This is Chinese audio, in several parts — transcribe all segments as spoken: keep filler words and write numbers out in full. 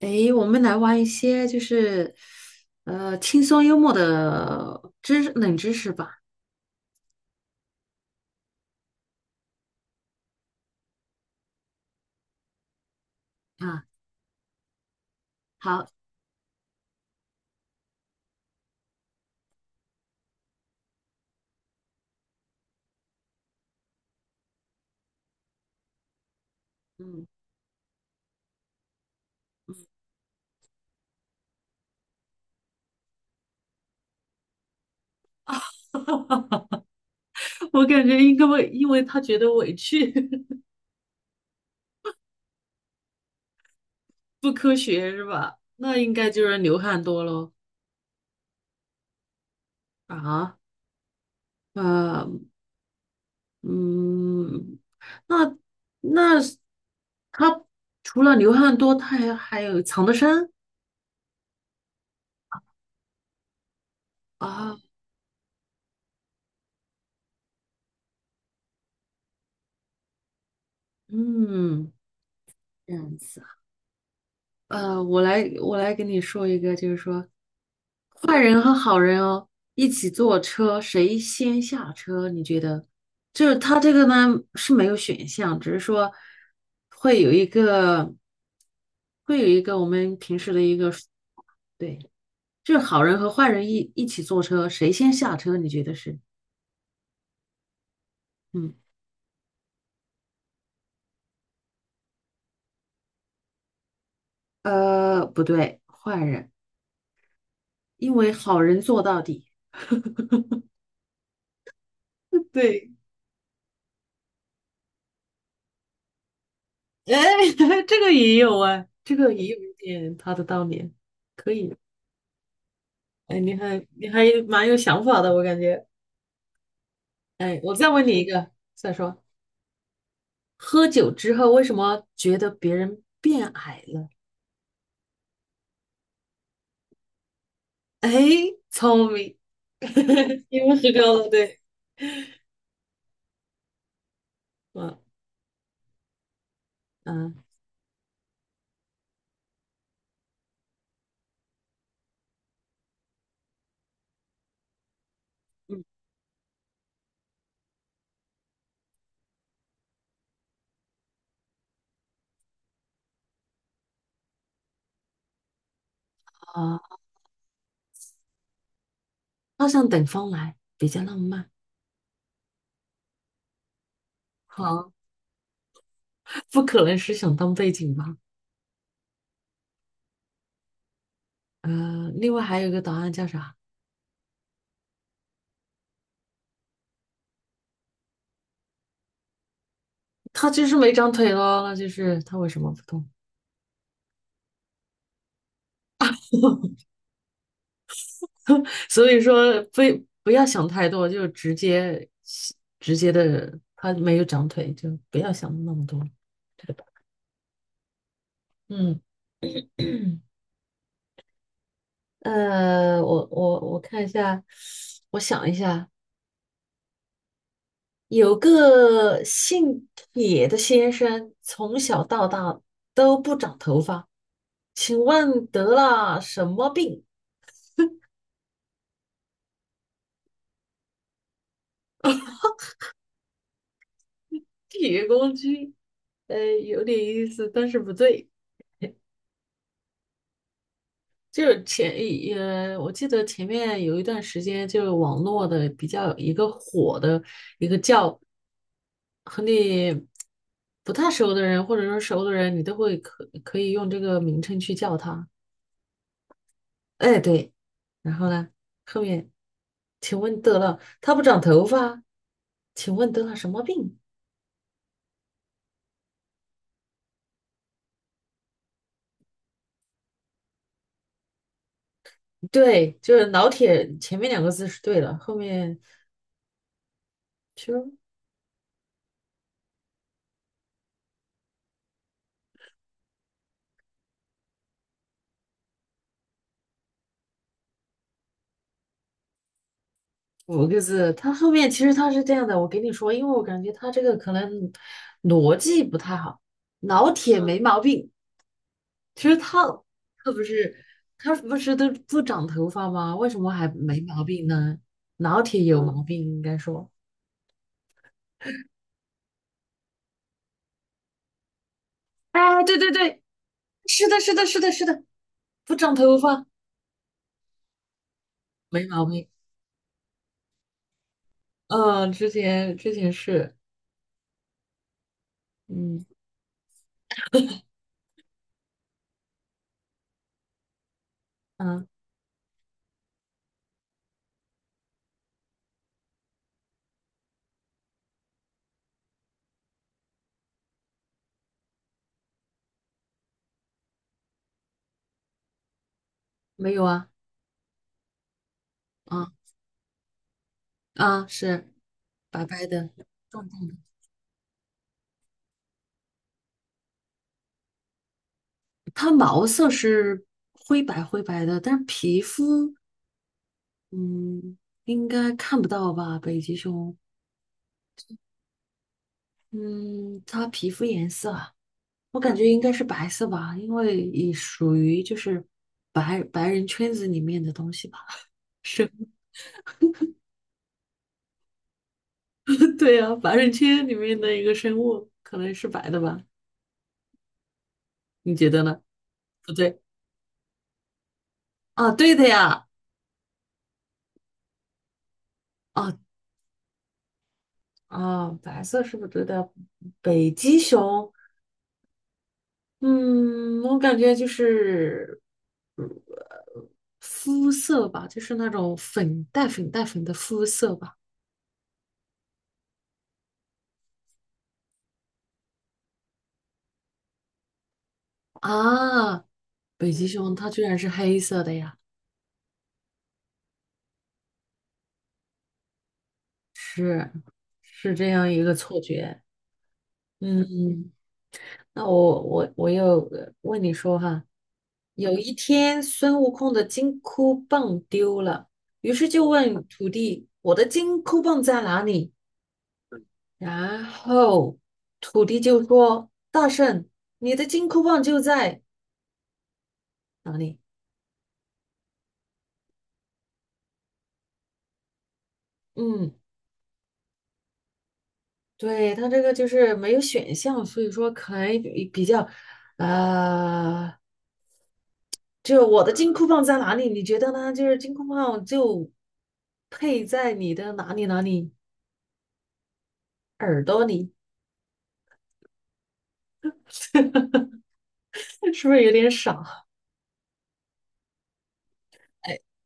诶，我们来玩一些就是呃轻松幽默的知识冷知识吧。啊，好，嗯，我感觉应该会，因为他觉得委屈，不哭，那应该就是流汗多咯。啊，呃，嗯，那那他除了流汗多，他还还有藏得深啊，嗯，这样子。呃，我来我来跟你说一个，就是说，坏人和好人哦，一起坐车，谁先下车？你觉得？就是他这个呢是没有选项，只是说会有一个会有一个我们平时的一个说对，就是好人和坏人一一起坐车，谁先下车？你觉得是？嗯，呃，不对，坏人，因为好人做到底。对。哎，这个也有啊，这个也有一点他的道理，可以。哎，你还你还蛮有想法的，我感觉。哎，我再问你一个，再说，喝酒之后为什么觉得别人变矮了？哎，聪明，因为喝高了，对，嗯嗯嗯啊，好想等风来，比较浪漫。好，不可能是想当背景吧？呃，另外还有一个答案叫啥？他就是没长腿咯，那就是他为什么不动？所以说非不要想太多，就直接直接的，他没有长腿，就不要想那么多，对吧？嗯，呃，我我我看一下，我想一下，有个姓铁的先生，从小到大都不长头发，请问得了什么病？铁公鸡，呃，有点意思，但是不对。就是前也，呃我记得前面有一段时间，就是网络的比较一个火的一个叫和你不太熟的人，或者说熟的人，你都会可可以用这个名称去叫他。哎，对，然后呢，后面，请问得了，他不长头发，请问得了什么病？对，就是老铁前面两个字是对的，后面。五个字，他后面其实他是这样的，我给你说，因为我感觉他这个可能逻辑不太好。老铁嗯没毛病，其实他他不是他不是都不长头发吗？为什么还没毛病呢？老铁有嗯毛嗯病，应该说哎，对对对，是的，是的，是的，是的，不长头发没毛病。嗯，之前之前是，嗯嗯，没有啊，啊啊是白白的。重它毛色是灰白灰白的，但是皮肤，嗯，应该看不到吧？北极熊，嗯，它皮肤颜色啊，我感觉应该是白色吧，因为也属于就是白白人圈子里面的东西吧。是，对啊，白人圈里面的一个生物，可能是白的吧？你觉得呢？不对啊，对的呀，啊啊，白色是不是对的，北极熊。嗯，我感觉就是，呃肤色吧，就是那种粉带粉带粉的肤色吧。啊，北极熊它居然是黑色的呀，是是这样一个错觉。嗯，那我我我又呃问你说哈，有一天孙悟空的金箍棒丢了，于是就问徒弟："我的金箍棒在哪里？"然后土地就说："大圣，你的金箍棒就在哪里？"嗯，对，他这个就是没有选项，所以说可能比比较，呃，就是我的金箍棒在哪里？你觉得呢？就是金箍棒就配在你的哪里哪里耳朵里，是不是有点傻？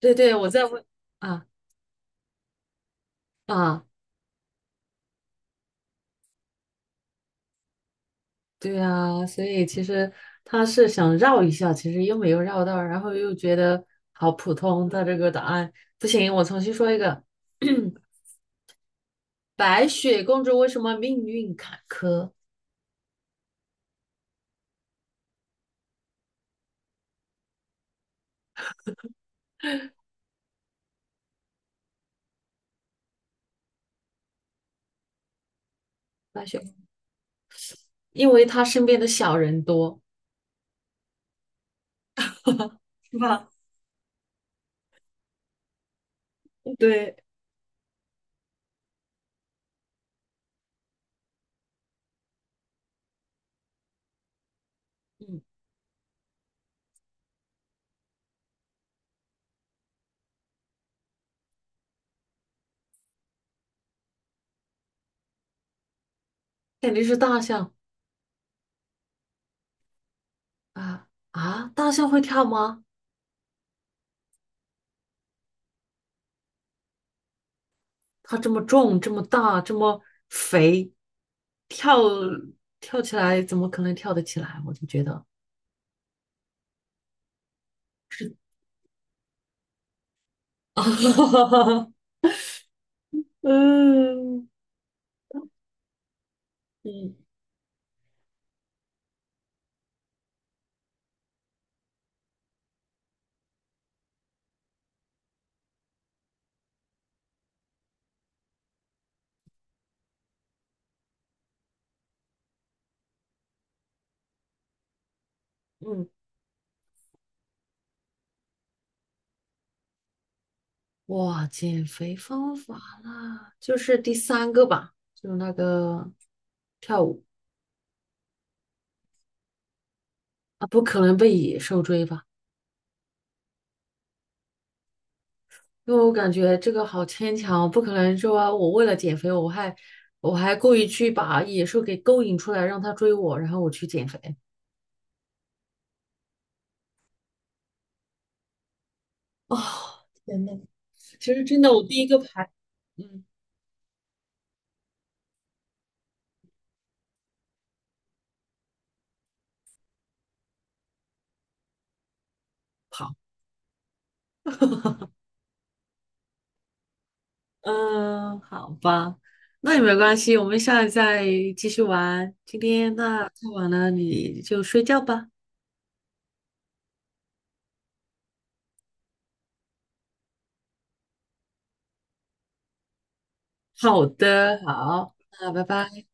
对对，我在问啊啊。对啊，所以其实他是想绕一下，其实又没有绕到，然后又觉得好普通的这个答案，不行，我重新说一个。白雪公主为什么命运坎坷？白雪，因为她身边的小人多。是吧？对，嗯，肯定是大象啊啊！大象会跳吗？它这么重，这么大，这么肥，跳跳起来怎么可能跳得起来？我就觉得，嗯嗯嗯，哇，减肥方法啦，就是第三个吧，就是那个跳舞啊，不可能被野兽追吧？因为我感觉这个好牵强，不可能说我为了减肥，我还我还故意去把野兽给勾引出来，让它追我，然后我去减肥。哦，天呐，其实真的，我第一个排，嗯。跑。嗯，好吧，那也没关系，我们下次再继续玩。今天那太晚了，你就睡觉吧。好的，好，那拜拜。